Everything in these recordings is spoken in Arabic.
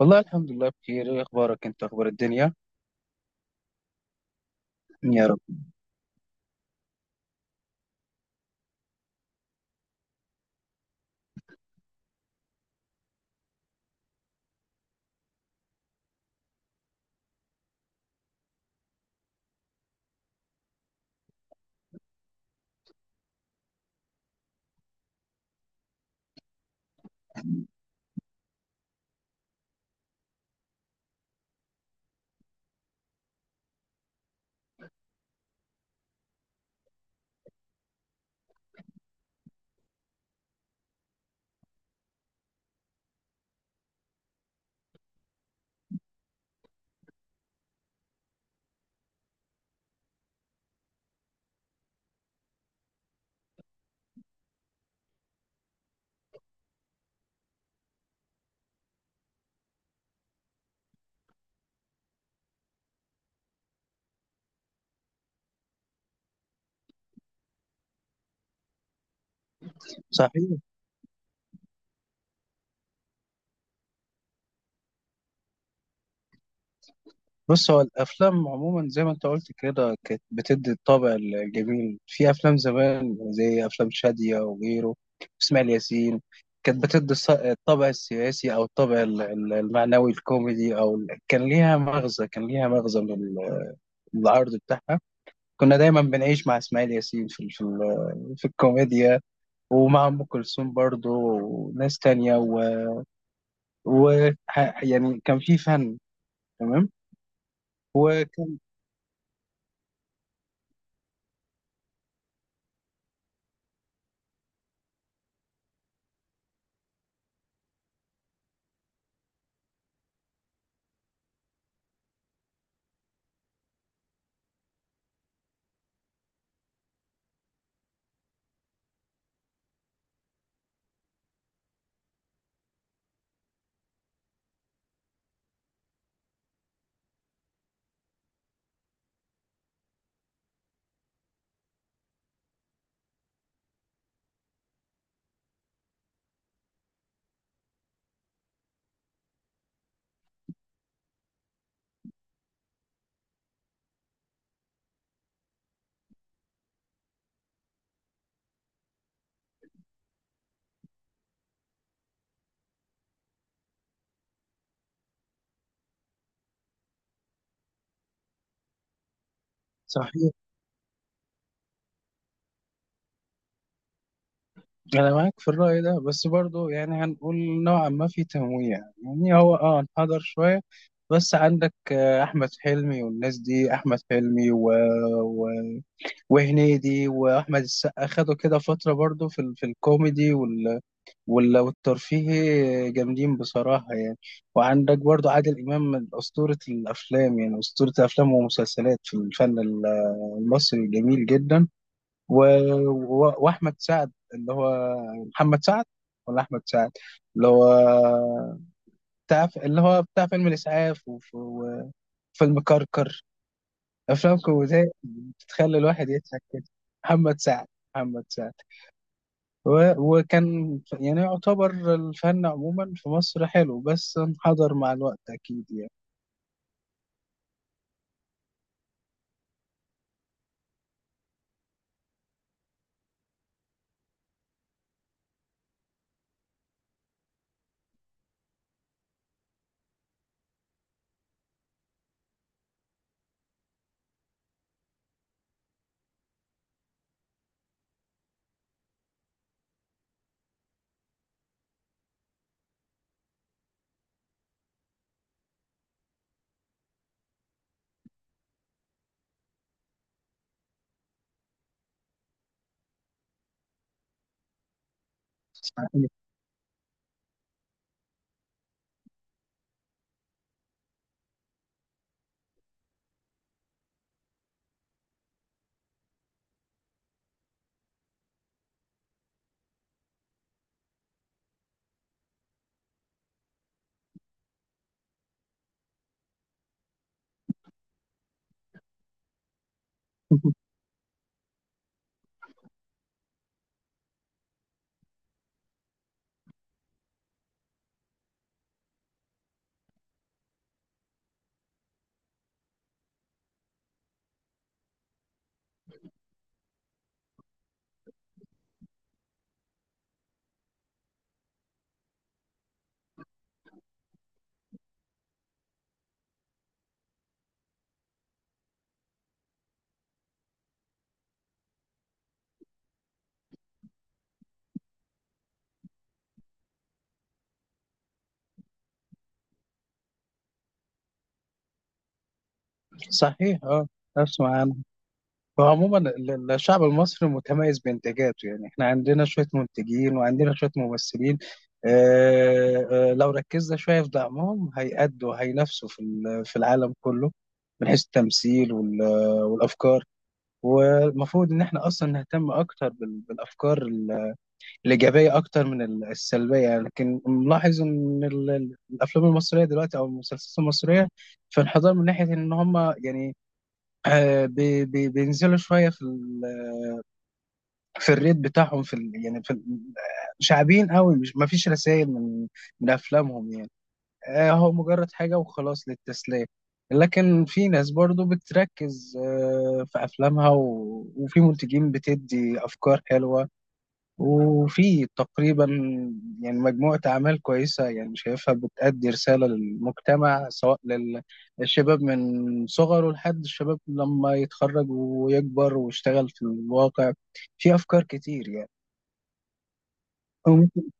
والله الحمد لله بخير. ايه اخبارك انت؟ اخبار الدنيا؟ يا رب. صحيح. بص، هو الافلام عموما زي ما انت قلت كده كانت بتدي الطابع الجميل في افلام زمان، زي افلام شادية وغيره، اسماعيل ياسين. كانت بتدي الطابع السياسي او الطابع المعنوي الكوميدي، كان ليها مغزى. كان ليها مغزى من العرض بتاعها. كنا دايما بنعيش مع اسماعيل ياسين في في الكوميديا، ومع ام كلثوم برضه وناس تانية. يعني كان في فن. تمام. وكان صحيح. انا معاك في الرأي ده، بس برضو يعني هنقول نوعا ما في تنويع. يعني هو اه انحدر شوية، بس عندك احمد حلمي والناس دي. احمد حلمي و... و... وهنيدي واحمد السقا خدوا كده فترة برضو في الكوميدي والترفيهي، جامدين بصراحة يعني. وعندك برضو عادل امام، من اسطورة الافلام. يعني اسطورة الافلام ومسلسلات في الفن المصري جميل جدا. و... و... واحمد سعد اللي هو محمد سعد ولا احمد سعد، اللي هو بتاع اللي هو بتاع فيلم الاسعاف وفيلم كركر، افلام كوميديه بتخلي الواحد يضحك كده. محمد سعد محمد سعد. وكان يعني يعتبر الفن عموما في مصر حلو، بس انحدر مع الوقت اكيد يعني. صحيح. صحيح اه. اسمع، فعموما الشعب المصري متميز بإنتاجاته. يعني احنا عندنا شوية منتجين وعندنا شوية ممثلين. اه اه لو ركزنا شوية في دعمهم هيأدوا، هينافسوا في العالم كله، من حيث التمثيل والأفكار. والمفروض إن احنا أصلا نهتم أكتر بالأفكار الإيجابية أكتر من السلبية يعني. لكن ملاحظ إن الأفلام المصرية دلوقتي أو المسلسلات المصرية في انحدار، من ناحية إن هم يعني بينزلوا شوية في في الريت بتاعهم يعني شعبيين قوي. مش ما فيش رسائل من من افلامهم يعني. هو مجرد حاجه وخلاص للتسليه. لكن في ناس برضو بتركز في افلامها، وفي منتجين بتدي افكار حلوه. وفي تقريبا يعني مجموعه اعمال كويسه، يعني شايفها بتأدي رساله للمجتمع، سواء للشباب من صغره لحد الشباب لما يتخرج ويكبر ويشتغل في الواقع. في افكار كتير يعني. أو ممكن-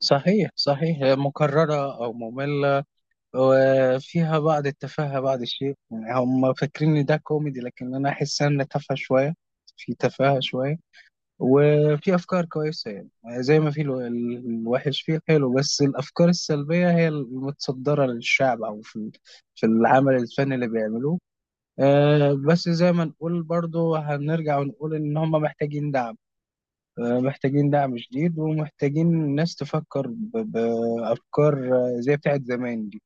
صحيح صحيح، مكررة أو مملة، وفيها بعض التفاهة بعض الشيء. يعني هم فاكرين إن ده كوميدي، لكن أنا أحس إن تافهة شوية. في تفاهة شوية وفي أفكار كويسة يعني. زي ما في الوحش فيه حلو، بس الأفكار السلبية هي المتصدرة للشعب أو في العمل الفني اللي بيعملوه. بس زي ما نقول برضو، هنرجع ونقول إن هم محتاجين دعم. محتاجين دعم شديد، ومحتاجين ناس تفكر بأفكار زي بتاعت زمان دي،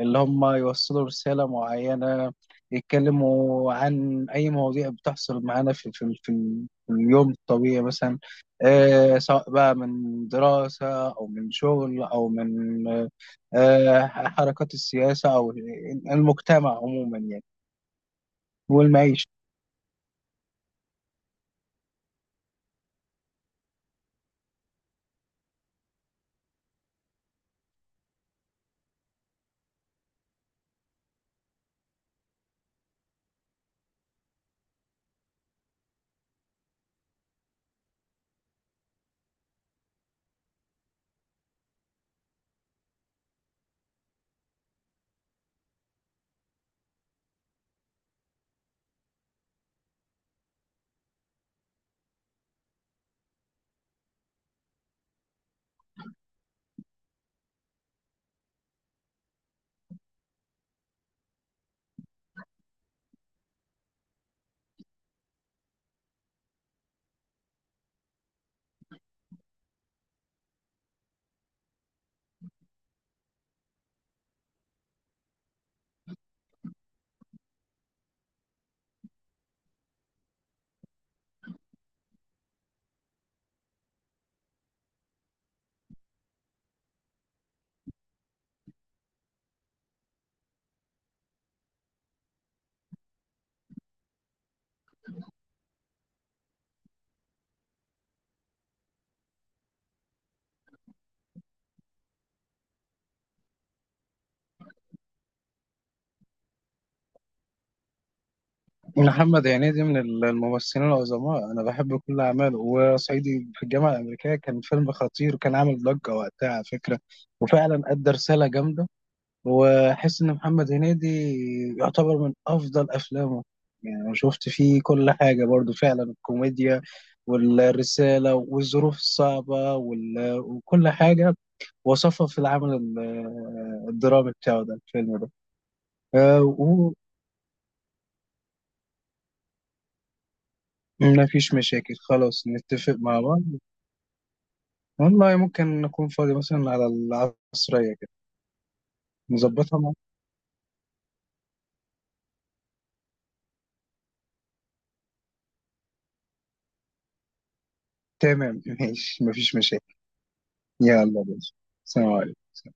اللي هم يوصلوا رسالة معينة. يتكلموا عن أي مواضيع بتحصل معانا في اليوم الطبيعي مثلا. سواء بقى من دراسة أو من شغل أو من آه، حركات السياسة أو المجتمع عموما يعني، والمعيشة. محمد هنيدي من الممثلين العظماء، انا بحب كل اعماله. وصعيدي في الجامعه الامريكيه كان فيلم خطير، وكان عامل ضجه وقتها على فكره. وفعلا ادى رساله جامده. واحس ان محمد هنيدي يعتبر من افضل افلامه. يعني أنا شفت فيه كل حاجه برضو، فعلا الكوميديا والرساله والظروف الصعبه وكل حاجه وصفها في العمل الدرامي بتاعه، ده الفيلم ده. آه، وما فيش مشاكل، خلاص نتفق مع بعض. والله ممكن نكون فاضي مثلا على العصرية كده. نظبطها مع. تمام. ماشي، مفيش مشاكل. يلا بينا. سلام عليكم.